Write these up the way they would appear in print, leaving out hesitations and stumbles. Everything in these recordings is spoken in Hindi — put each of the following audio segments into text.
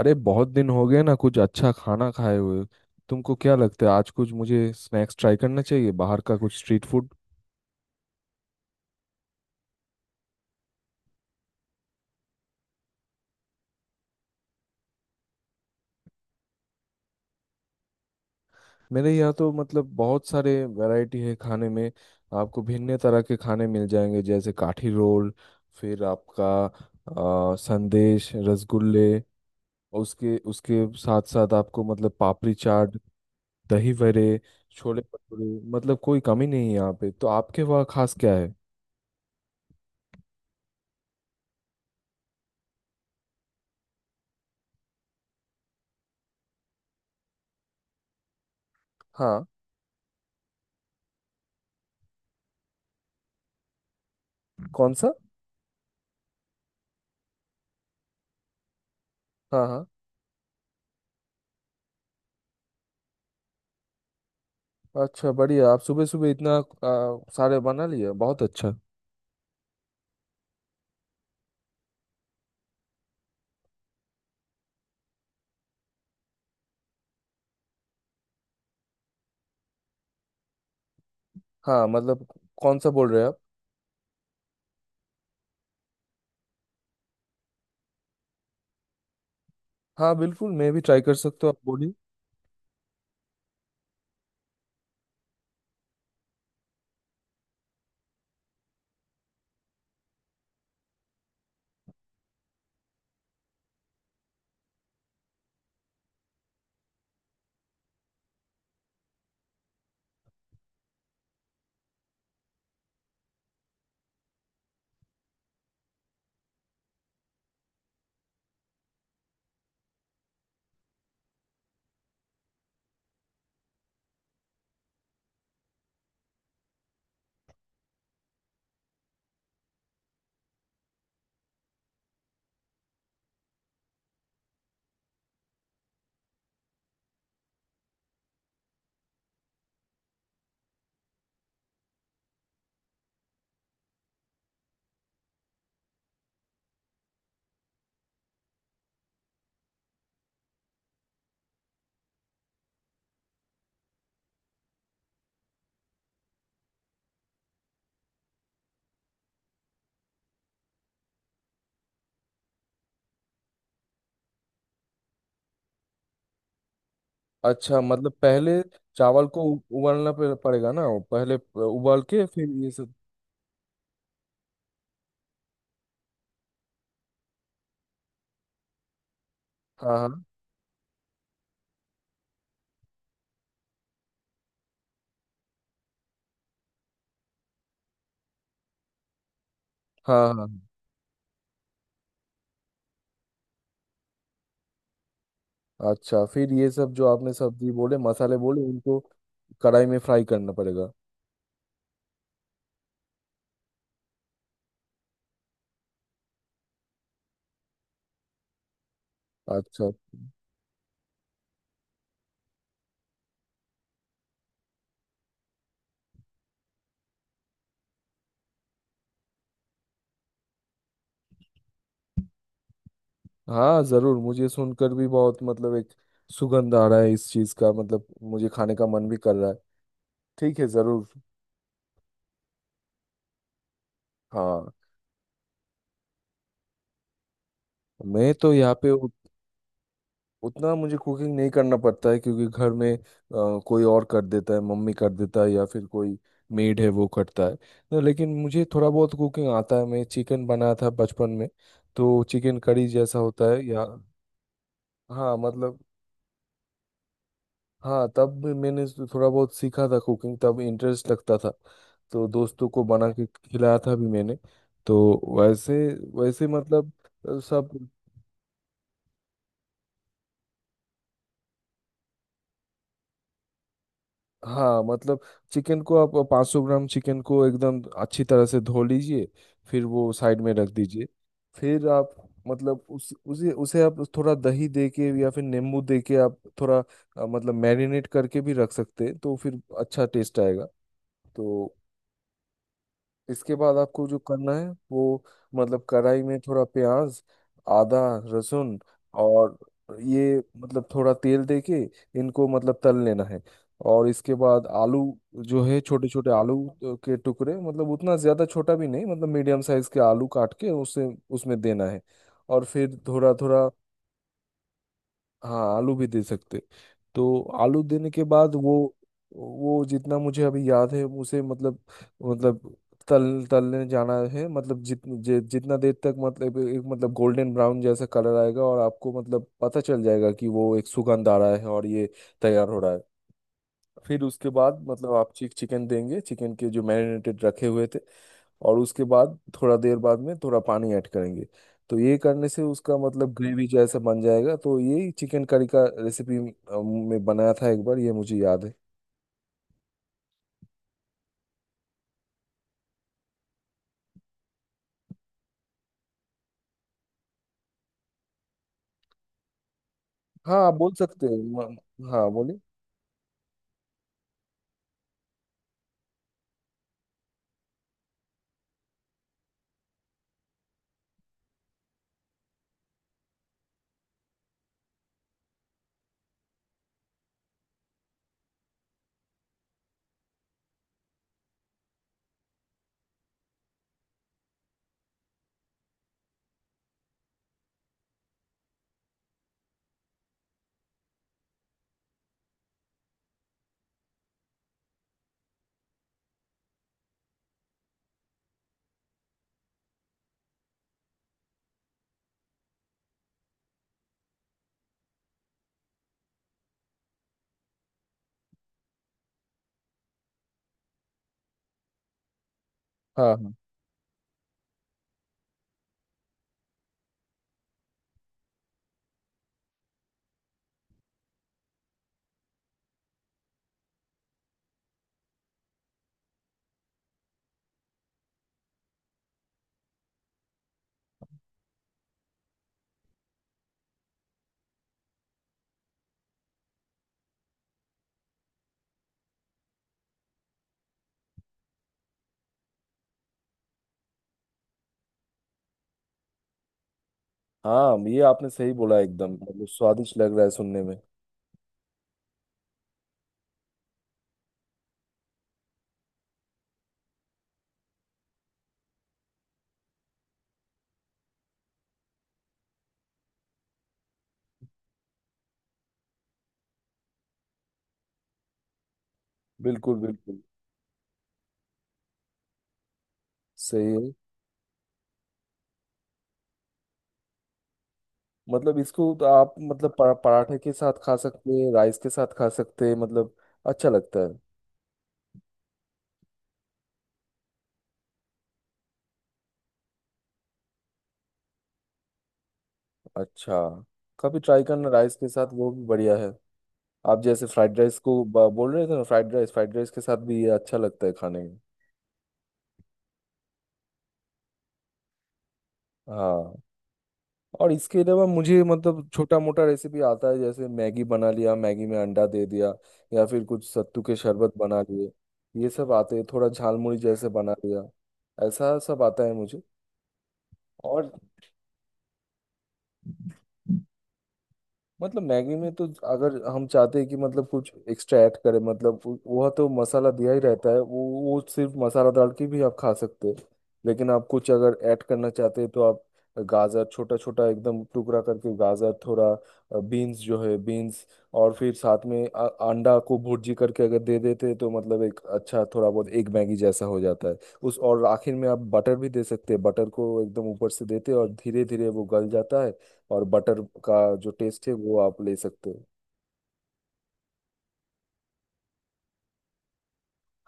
अरे बहुत दिन हो गए ना कुछ अच्छा खाना खाए हुए। तुमको क्या लगता है, आज कुछ मुझे स्नैक्स ट्राई करना चाहिए? बाहर का कुछ स्ट्रीट फूड। मेरे यहाँ तो मतलब बहुत सारे वैरायटी है खाने में। आपको भिन्न तरह के खाने मिल जाएंगे, जैसे काठी रोल, फिर आपका संदेश, रसगुल्ले। और उसके उसके साथ साथ आपको मतलब पापड़ी चाट, दही वड़े, छोले भटूरे। मतलब कोई कमी नहीं है यहाँ पे। तो आपके वहाँ खास क्या है? हाँ। कौन सा? हाँ हाँ। अच्छा बढ़िया, आप सुबह सुबह इतना सारे बना लिए, बहुत अच्छा। हाँ मतलब, कौन सा बोल रहे हैं आप? हाँ बिल्कुल, मैं भी ट्राई कर सकता हूँ, आप बोलिए। अच्छा मतलब, पहले चावल को उबालना पड़ेगा ना वो पहले, उबाल के फिर ये सब। हाँ हाँ हाँ हाँ हाँ। अच्छा, फिर ये सब जो आपने सब्जी बोले मसाले बोले, उनको कढ़ाई में फ्राई करना पड़ेगा? अच्छा, हाँ जरूर। मुझे सुनकर भी बहुत मतलब एक सुगंध आ रहा है इस चीज का, मतलब मुझे खाने का मन भी कर रहा है। ठीक है, जरूर। हाँ, मैं तो यहाँ पे उतना मुझे कुकिंग नहीं करना पड़ता है, क्योंकि घर में कोई और कर देता है, मम्मी कर देता है, या फिर कोई मेड है वो करता है। तो लेकिन मुझे थोड़ा बहुत कुकिंग आता है, मैं चिकन बनाया था बचपन में। तो चिकन करी जैसा होता है या। हाँ मतलब। हाँ, तब भी मैंने थोड़ा बहुत सीखा था कुकिंग, तब इंटरेस्ट लगता था, तो दोस्तों को बना के खिलाया था भी मैंने। तो वैसे वैसे मतलब सब। हाँ मतलब, चिकन को आप, 500 ग्राम चिकन को एकदम अच्छी तरह से धो लीजिए। फिर वो साइड में रख दीजिए। फिर आप मतलब उस उसे उसे आप थोड़ा दही दे के या फिर नींबू दे के आप थोड़ा मतलब मैरिनेट करके भी रख सकते हैं, तो फिर अच्छा टेस्ट आएगा। तो इसके बाद आपको जो करना है वो मतलब, कढ़ाई में थोड़ा प्याज, आदा, लहसुन, और ये मतलब थोड़ा तेल देके इनको मतलब तल लेना है। और इसके बाद आलू, जो है छोटे छोटे आलू के टुकड़े, मतलब उतना ज़्यादा छोटा भी नहीं, मतलब मीडियम साइज के आलू काट के उसे उसमें देना है। और फिर थोड़ा थोड़ा। हाँ आलू भी दे सकते। तो आलू देने के बाद वो, जितना मुझे अभी याद है उसे मतलब, मतलब तल तलने जाना है, मतलब जितना देर तक, मतलब एक मतलब, गोल्डन ब्राउन जैसा कलर आएगा और आपको मतलब पता चल जाएगा कि वो एक सुगंध आ रहा है और ये तैयार हो रहा है। फिर उसके बाद मतलब आप चिकन देंगे, चिकन के जो मैरिनेटेड रखे हुए थे। और उसके बाद थोड़ा देर बाद में थोड़ा पानी ऐड करेंगे, तो ये करने से उसका मतलब ग्रेवी जैसा बन जाएगा। तो यही चिकन करी का रेसिपी में बनाया था एक बार, ये मुझे याद है। हाँ आप बोल सकते हैं, हाँ बोलिए। हाँ हाँ हाँ। ये आपने सही बोला, एकदम मतलब स्वादिष्ट लग रहा है सुनने में। बिल्कुल बिल्कुल। सही है। मतलब इसको तो आप मतलब पराठे के साथ खा सकते हैं, राइस के साथ खा सकते हैं, मतलब अच्छा लगता है। अच्छा, कभी ट्राई करना राइस के साथ, वो भी बढ़िया है। आप जैसे फ्राइड राइस को बोल रहे थे ना फ्राइड राइस, फ्राइड राइस के साथ भी ये अच्छा लगता है खाने में। हाँ। और इसके अलावा मुझे मतलब छोटा मोटा रेसिपी आता है, जैसे मैगी बना लिया, मैगी में अंडा दे दिया, या फिर कुछ सत्तू के शरबत बना लिए, ये सब आते हैं, थोड़ा झालमुड़ी जैसे बना लिया, ऐसा सब आता है मुझे। और मतलब मैगी में तो, अगर हम चाहते हैं कि मतलब कुछ एक्स्ट्रा ऐड करें, मतलब वो वह तो मसाला दिया ही रहता है, वो सिर्फ मसाला डाल के भी आप खा सकते हैं। लेकिन आप कुछ अगर ऐड करना चाहते हैं, तो आप गाजर छोटा छोटा एकदम टुकड़ा करके, गाजर थोड़ा, बीन्स जो है बीन्स, और फिर साथ में अंडा को भुर्जी करके अगर दे देते हैं, तो मतलब एक अच्छा थोड़ा बहुत एक मैगी जैसा हो जाता है। उस, और आखिर में आप बटर भी दे सकते हैं। बटर को एकदम ऊपर से देते हैं और धीरे धीरे वो गल जाता है, और बटर का जो टेस्ट है वो आप ले सकते हो।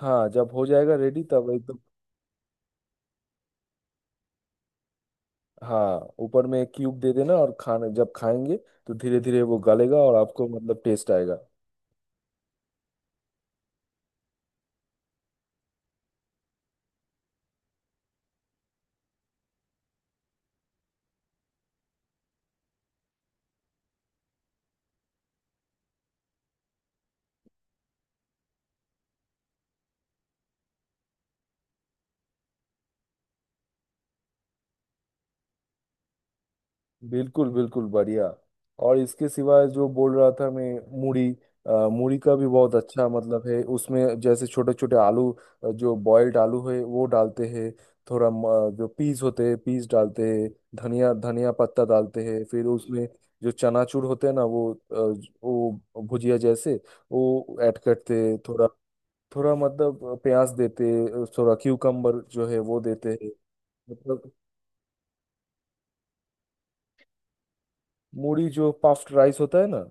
हाँ, जब हो जाएगा रेडी तब एकदम। हाँ, ऊपर में क्यूब दे देना और खाना जब खाएंगे, तो धीरे धीरे वो गलेगा और आपको मतलब टेस्ट आएगा। बिल्कुल बिल्कुल, बढ़िया। और इसके सिवाय जो बोल रहा था मैं, मूढ़ी। मूढ़ी का भी बहुत अच्छा मतलब है, उसमें जैसे छोटे छोटे आलू, जो बॉयल्ड आलू है वो डालते हैं। थोड़ा जो पीस होते हैं पीस डालते हैं, धनिया धनिया पत्ता डालते हैं। फिर उसमें जो चनाचूर होते हैं ना, वो भुजिया जैसे, वो ऐड करते हैं थोड़ा। थोड़ा मतलब प्याज देते हैं, थोड़ा क्यूकम्बर जो है वो देते हैं। मतलब मूढ़ी जो पफ्ड राइस होता है ना।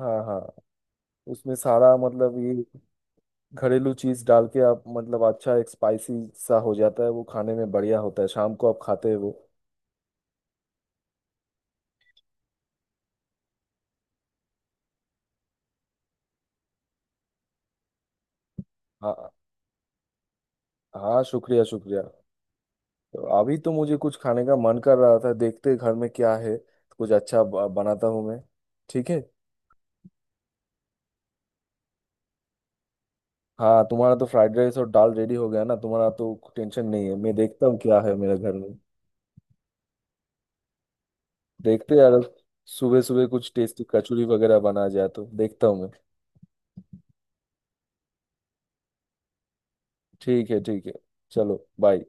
हाँ हाँ। उसमें सारा मतलब ये घरेलू चीज डाल के आप मतलब अच्छा एक स्पाइसी सा हो जाता है, वो खाने में बढ़िया होता है, शाम को आप खाते हो। हाँ। हाँ शुक्रिया शुक्रिया। तो अभी तो मुझे कुछ खाने का मन कर रहा था, देखते घर में क्या है। कुछ अच्छा बनाता हूँ मैं। ठीक है। हाँ, तुम्हारा तो फ्राइड राइस और दाल रेडी हो गया ना, तुम्हारा तो टेंशन नहीं है। मैं देखता हूँ क्या है मेरे घर में। देखते हैं यार, सुबह सुबह कुछ टेस्टी कचौरी वगैरह बना जाए तो देखता हूँ मैं। ठीक है ठीक है। चलो बाय।